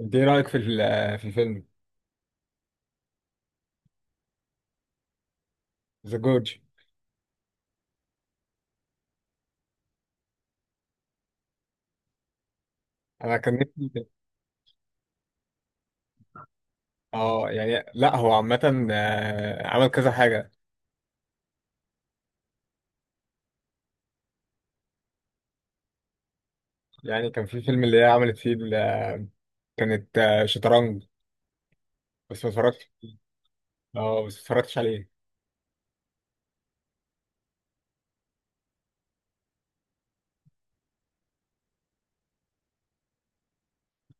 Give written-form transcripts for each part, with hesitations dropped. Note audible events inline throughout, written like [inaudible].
انت ايه رايك في الفيلم ذا جورج. انا كان نفسي. اه يعني لا هو عامه، عمل كذا حاجه. يعني كان في فيلم اللي هي عملت فيه كانت، شطرنج بس ما اتفرجتش. اه بس ما اتفرجتش عليه.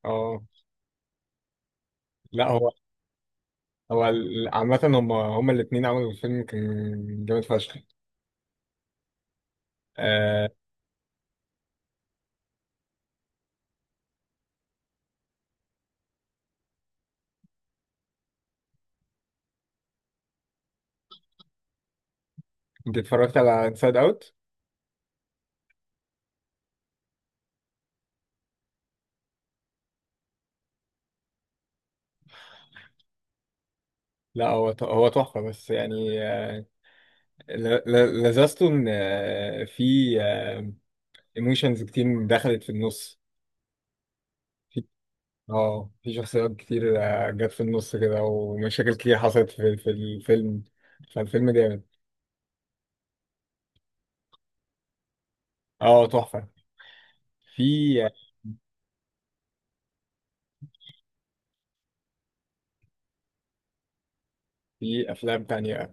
اه لا هو عامه هم الاثنين عملوا الفيلم كان جامد فشخ. آه، انت اتفرجت على انسايد اوت؟ لا هو هو تحفه، بس يعني، لذذته ان، في ايموشنز كتير دخلت في النص. اه في شخصيات كتير جت في النص كده، ومشاكل كتير حصلت في الفيلم، فالفيلم جامد. اه تحفة. في في افلام تانية،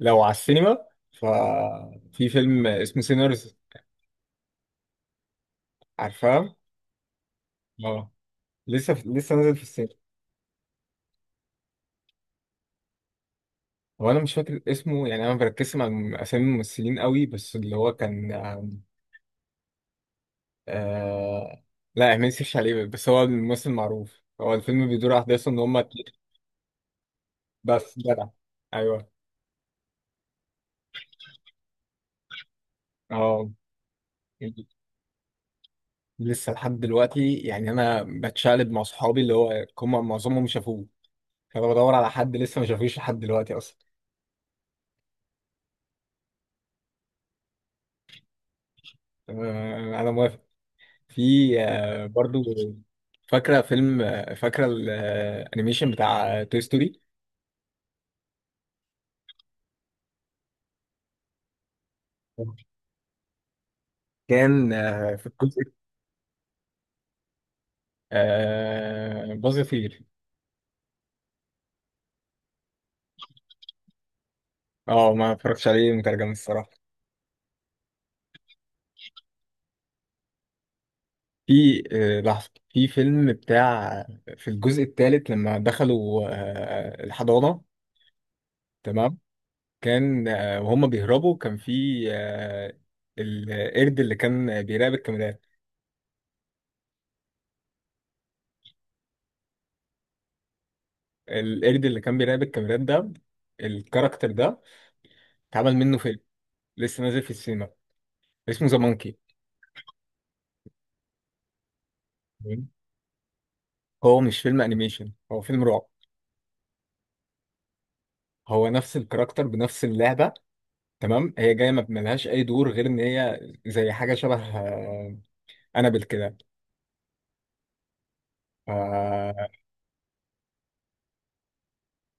لو على السينما ففي فيلم اسمه سينرز، عارفاه؟ اه لسه نازل في السينما. هو انا مش فاكر اسمه، يعني انا ما بركزش مع اسامي الممثلين قوي، بس اللي هو كان، آه لا ما نسيش عليه، بس هو الممثل معروف. هو الفيلم بيدور احداثه ان هم، بس جدع. ايوه. اه لسه لحد دلوقتي، يعني انا بتشقلب مع صحابي اللي هو هم معظمهم شافوه، فبدور على حد لسه ما شافوش لحد دلوقتي اصلا. انا موافق. في، برضو فاكره فيلم، فاكره الانيميشن بتاع توي ستوري. كان، في الجزء، باظ يطير. اه ما اتفرجتش عليه مترجم الصراحه. في، لحظه في فيلم بتاع، في الجزء الثالث لما دخلوا الحضانه، تمام. كان، وهم بيهربوا كان في، القرد اللي كان بيراقب الكاميرات. القرد اللي كان بيراقب الكاميرات ده، الكاركتر ده اتعمل منه فيلم، لسه نازل في السينما، اسمه ذا مونكي. هو مش فيلم انيميشن، هو فيلم رعب. هو نفس الكاركتر بنفس اللعبة، تمام. هي جاية ما ملهاش أي دور غير إن هي زي حاجة شبه، أنابل كده. آه،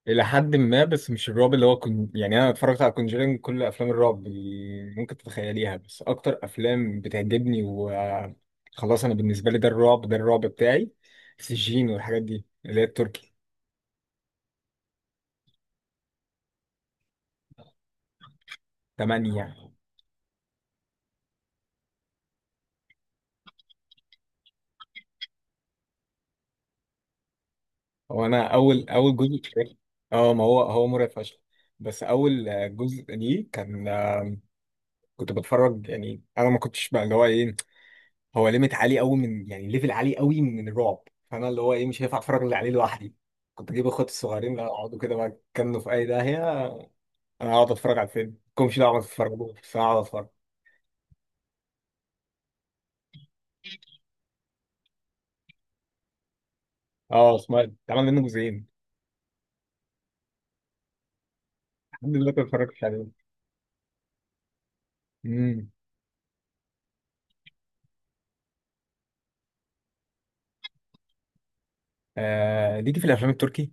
الى حد ما، بس مش الرعب اللي هو كن... يعني انا اتفرجت على كونجرينج، كل افلام الرعب اللي ممكن تتخيليها، بس اكتر افلام بتعجبني وخلاص، انا بالنسبه لي ده الرعب، ده الرعب بتاعي. سجين والحاجات دي اللي هي التركي. تمانية يعني. هو انا اول جزء، اه ما هو هو مرعب فشخ، بس اول جزء ليه كان، كنت بتفرج، يعني انا ما كنتش بقى اللي هو ايه، هو ليميت عالي قوي من، يعني ليفل عالي قوي من الرعب، فانا اللي هو ايه مش هينفع اتفرج اللي عليه لوحدي، كنت اجيب اخواتي الصغيرين لا اقعدوا كده بقى يتكنوا في اي داهيه، انا اقعد اتفرج على الفيلم، مالكمش دعوه ما تتفرجوا بس انا اقعد اتفرج. اه سمعت اتعمل منه جزئين. الحمد لله ما اتفرجتش عليهم. امم. آه ليكي في الافلام التركي.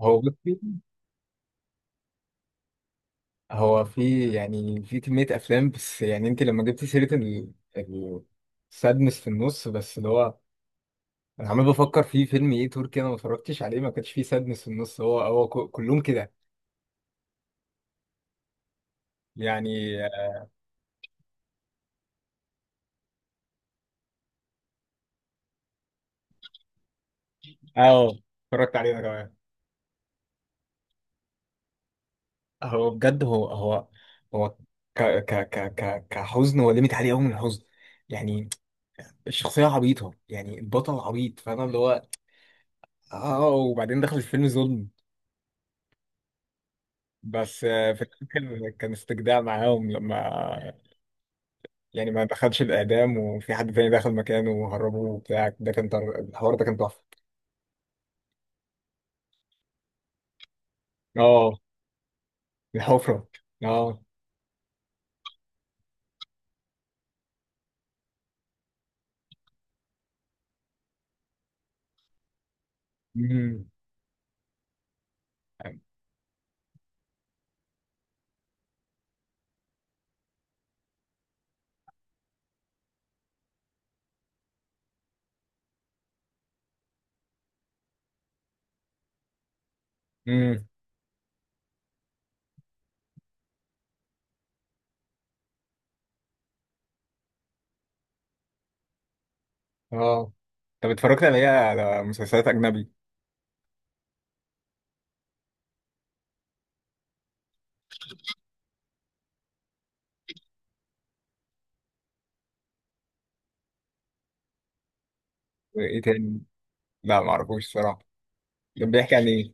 هو بصي، هو في يعني في كميه افلام، بس يعني انت لما جبتي سيره السادنس في النص، بس اللي هو انا عمال بفكر في فيلم ايه تركي انا ما اتفرجتش عليه ما كانش فيه سادنس في النص، هو هو كلهم كده يعني. اه اتفرجت عليه انا كمان. هو بجد هو هو ك ك ك ك كحزن، هو ليميت عليه قوي من الحزن يعني. الشخصيه عبيطه يعني، البطل عبيط فاهم اللي هو، اه وبعدين دخل الفيلم ظلم، بس في الاخر كان استجداع معاهم لما، يعني ما دخلش الاعدام، وفي حد تاني دخل مكانه وهربوه وبتاع ده كان الحوار ده كان تحفه. اه. الحفرة. اه. امم. امم. اه طب اتفرجت على ايه، على مسلسلات أجنبي؟ ايه تاني؟ لا معرفوش الصراحة. كان بيحكي عن ايه؟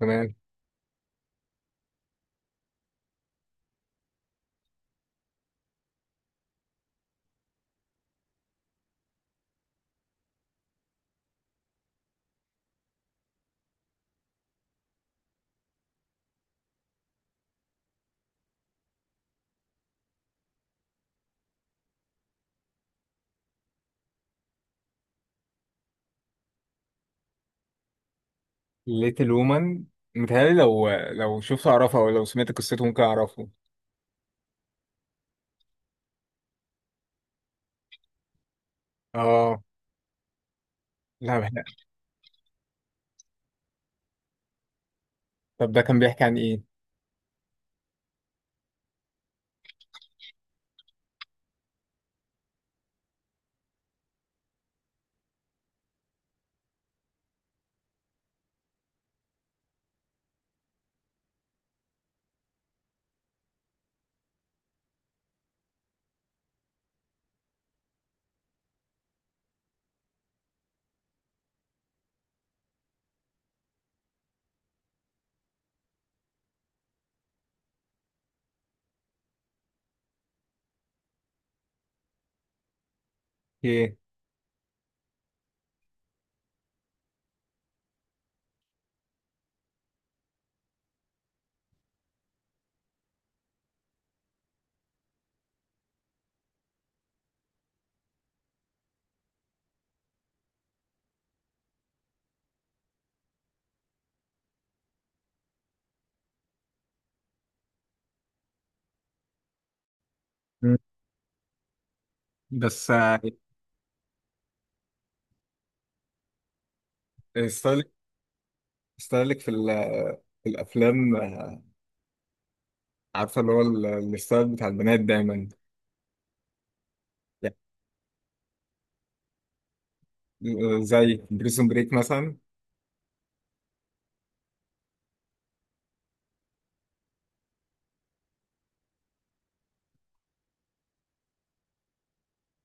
تمام. ليتل وومن، متهيألي لو لو شفت أعرفه، أو لو سمعت قصته ممكن أعرفه. اه لا بحنا. طب ده كان بيحكي عن ايه؟ ايه. مم. بس، ستايلك، ستايلك في الافلام، عارفه اللي هو الستايل بتاع البنات دايما. يعني، زي بريزون بريك مثلا.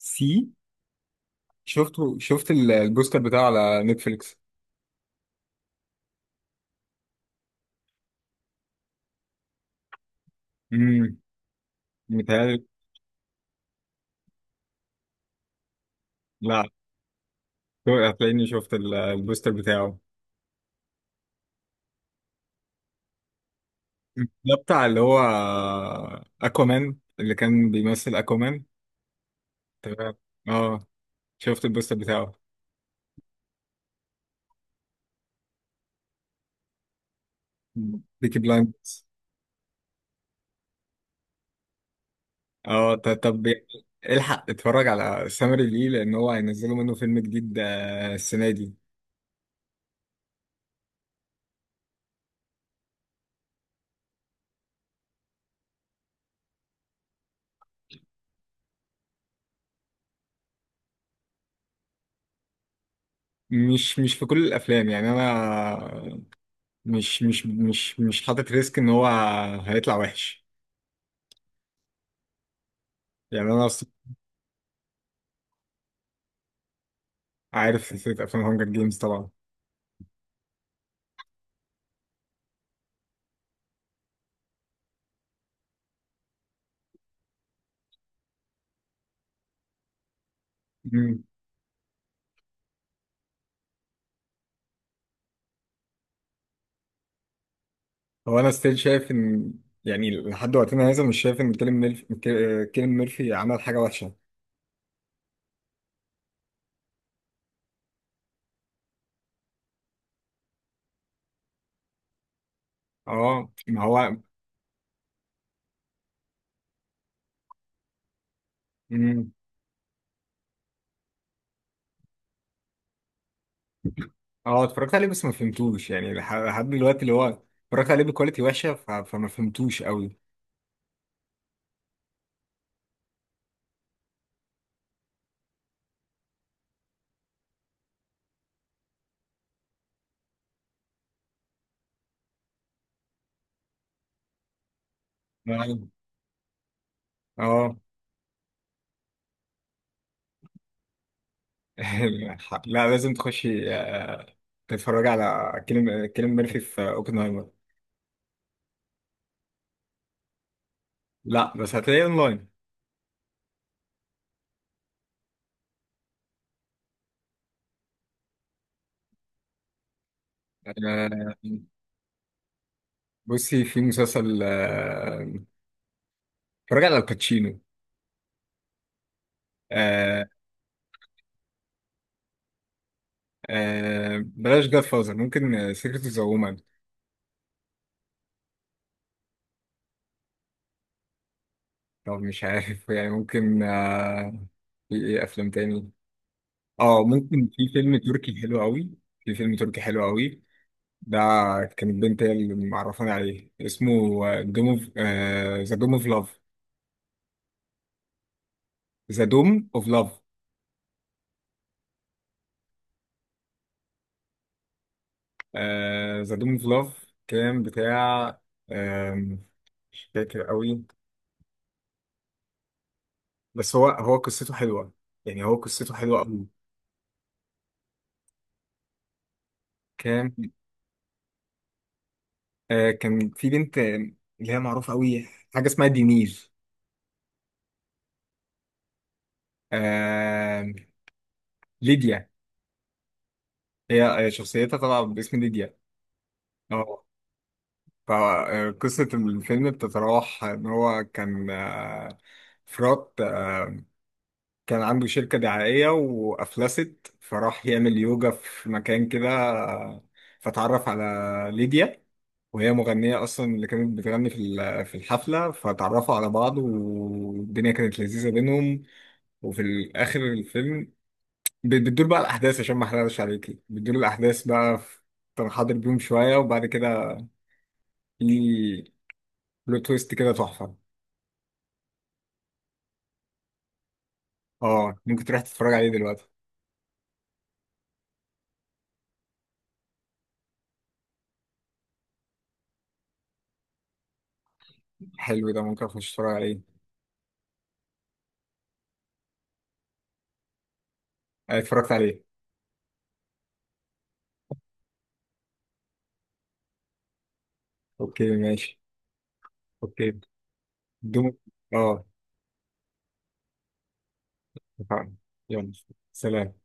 سي، شفته، شفت البوستر بتاعه على نتفليكس. امم. متهيألي. لا. هتلاقيني شفت البوستر بتاعه. مم. ده بتاع اللي هو اكوامان، اللي كان بيمثل اكوامان. تمام. اه. شفت البوستر بتاعه. بيكي بلايندرز. اه طب الحق اتفرج على سامري ليه، لان هو هينزلوا منه فيلم جديد السنه دي. مش في كل الافلام، يعني انا مش حاطط ريسك ان هو هيطلع وحش يعني. انا عارف سلسلة أفلام هانجر جيمز طبعا. مم. هو أنا ستيل شايف إن، يعني لحد وقتنا هذا مش شايف إن كيليان ميرفي، كيليان ميرفي عمل حاجة وحشة. أه ما هو. مم. أه اتفرجت عليه بس ما فهمتوش يعني لحد دلوقتي اللي هو، اتفرجت عليه بكواليتي وحشة ف... فما فهمتوش قوي. نعم. أه. [laughs] لا لازم تخشي، تتفرج على كيليان ميرفي في أوبنهايمر. لا بس هتلاقيه أونلاين. آه، بصي في مسلسل، اتفرج على الباتشينو. آه. آه بلاش جاد فازر، ممكن سيكريت اوف ذا وومن. طب مش عارف [laughs] يعني ممكن آه، في ايه افلام تاني. اه ممكن، في فيلم تركي حلو قوي، في فيلم تركي حلو قوي ده، كان البنت هي اللي معرفاني عليه، اسمه دوم اوف، ذا دوم اوف لاف. ذا دوم اوف لاف. ذا دوم اوف لاف كان بتاع، آم، مش فاكر قوي، بس هو قصته حلوه، يعني هو قصته حلوه قوي. كان، كان في بنت، اللي هي معروفة قوي، حاجة اسمها دينير، آه، ليديا. هي، شخصيتها طبعا باسم ليديا. اه. فقصة الفيلم بتتراوح ان هو كان، فرات، كان عنده شركة دعائية وأفلست، فراح يعمل يوجا في مكان كده، فتعرف على ليديا، وهي مغنية أصلا اللي كانت بتغني في الحفلة، فتعرفوا على بعض والدنيا كانت لذيذة بينهم. وفي الاخر الفيلم، بتدور بقى الاحداث، عشان ما احرقش عليكي، بتدور الاحداث بقى في، كان حاضر بيهم شويه وبعد كده في بلوت تويست كده تحفه. اه ممكن تروح تتفرج عليه دلوقتي. حلو ده، ممكن اخش اتفرج عليه. اتفرجت عليه. اوكي ماشي. اوكي. دوم. اه. اتفقنا. يلا. سلام.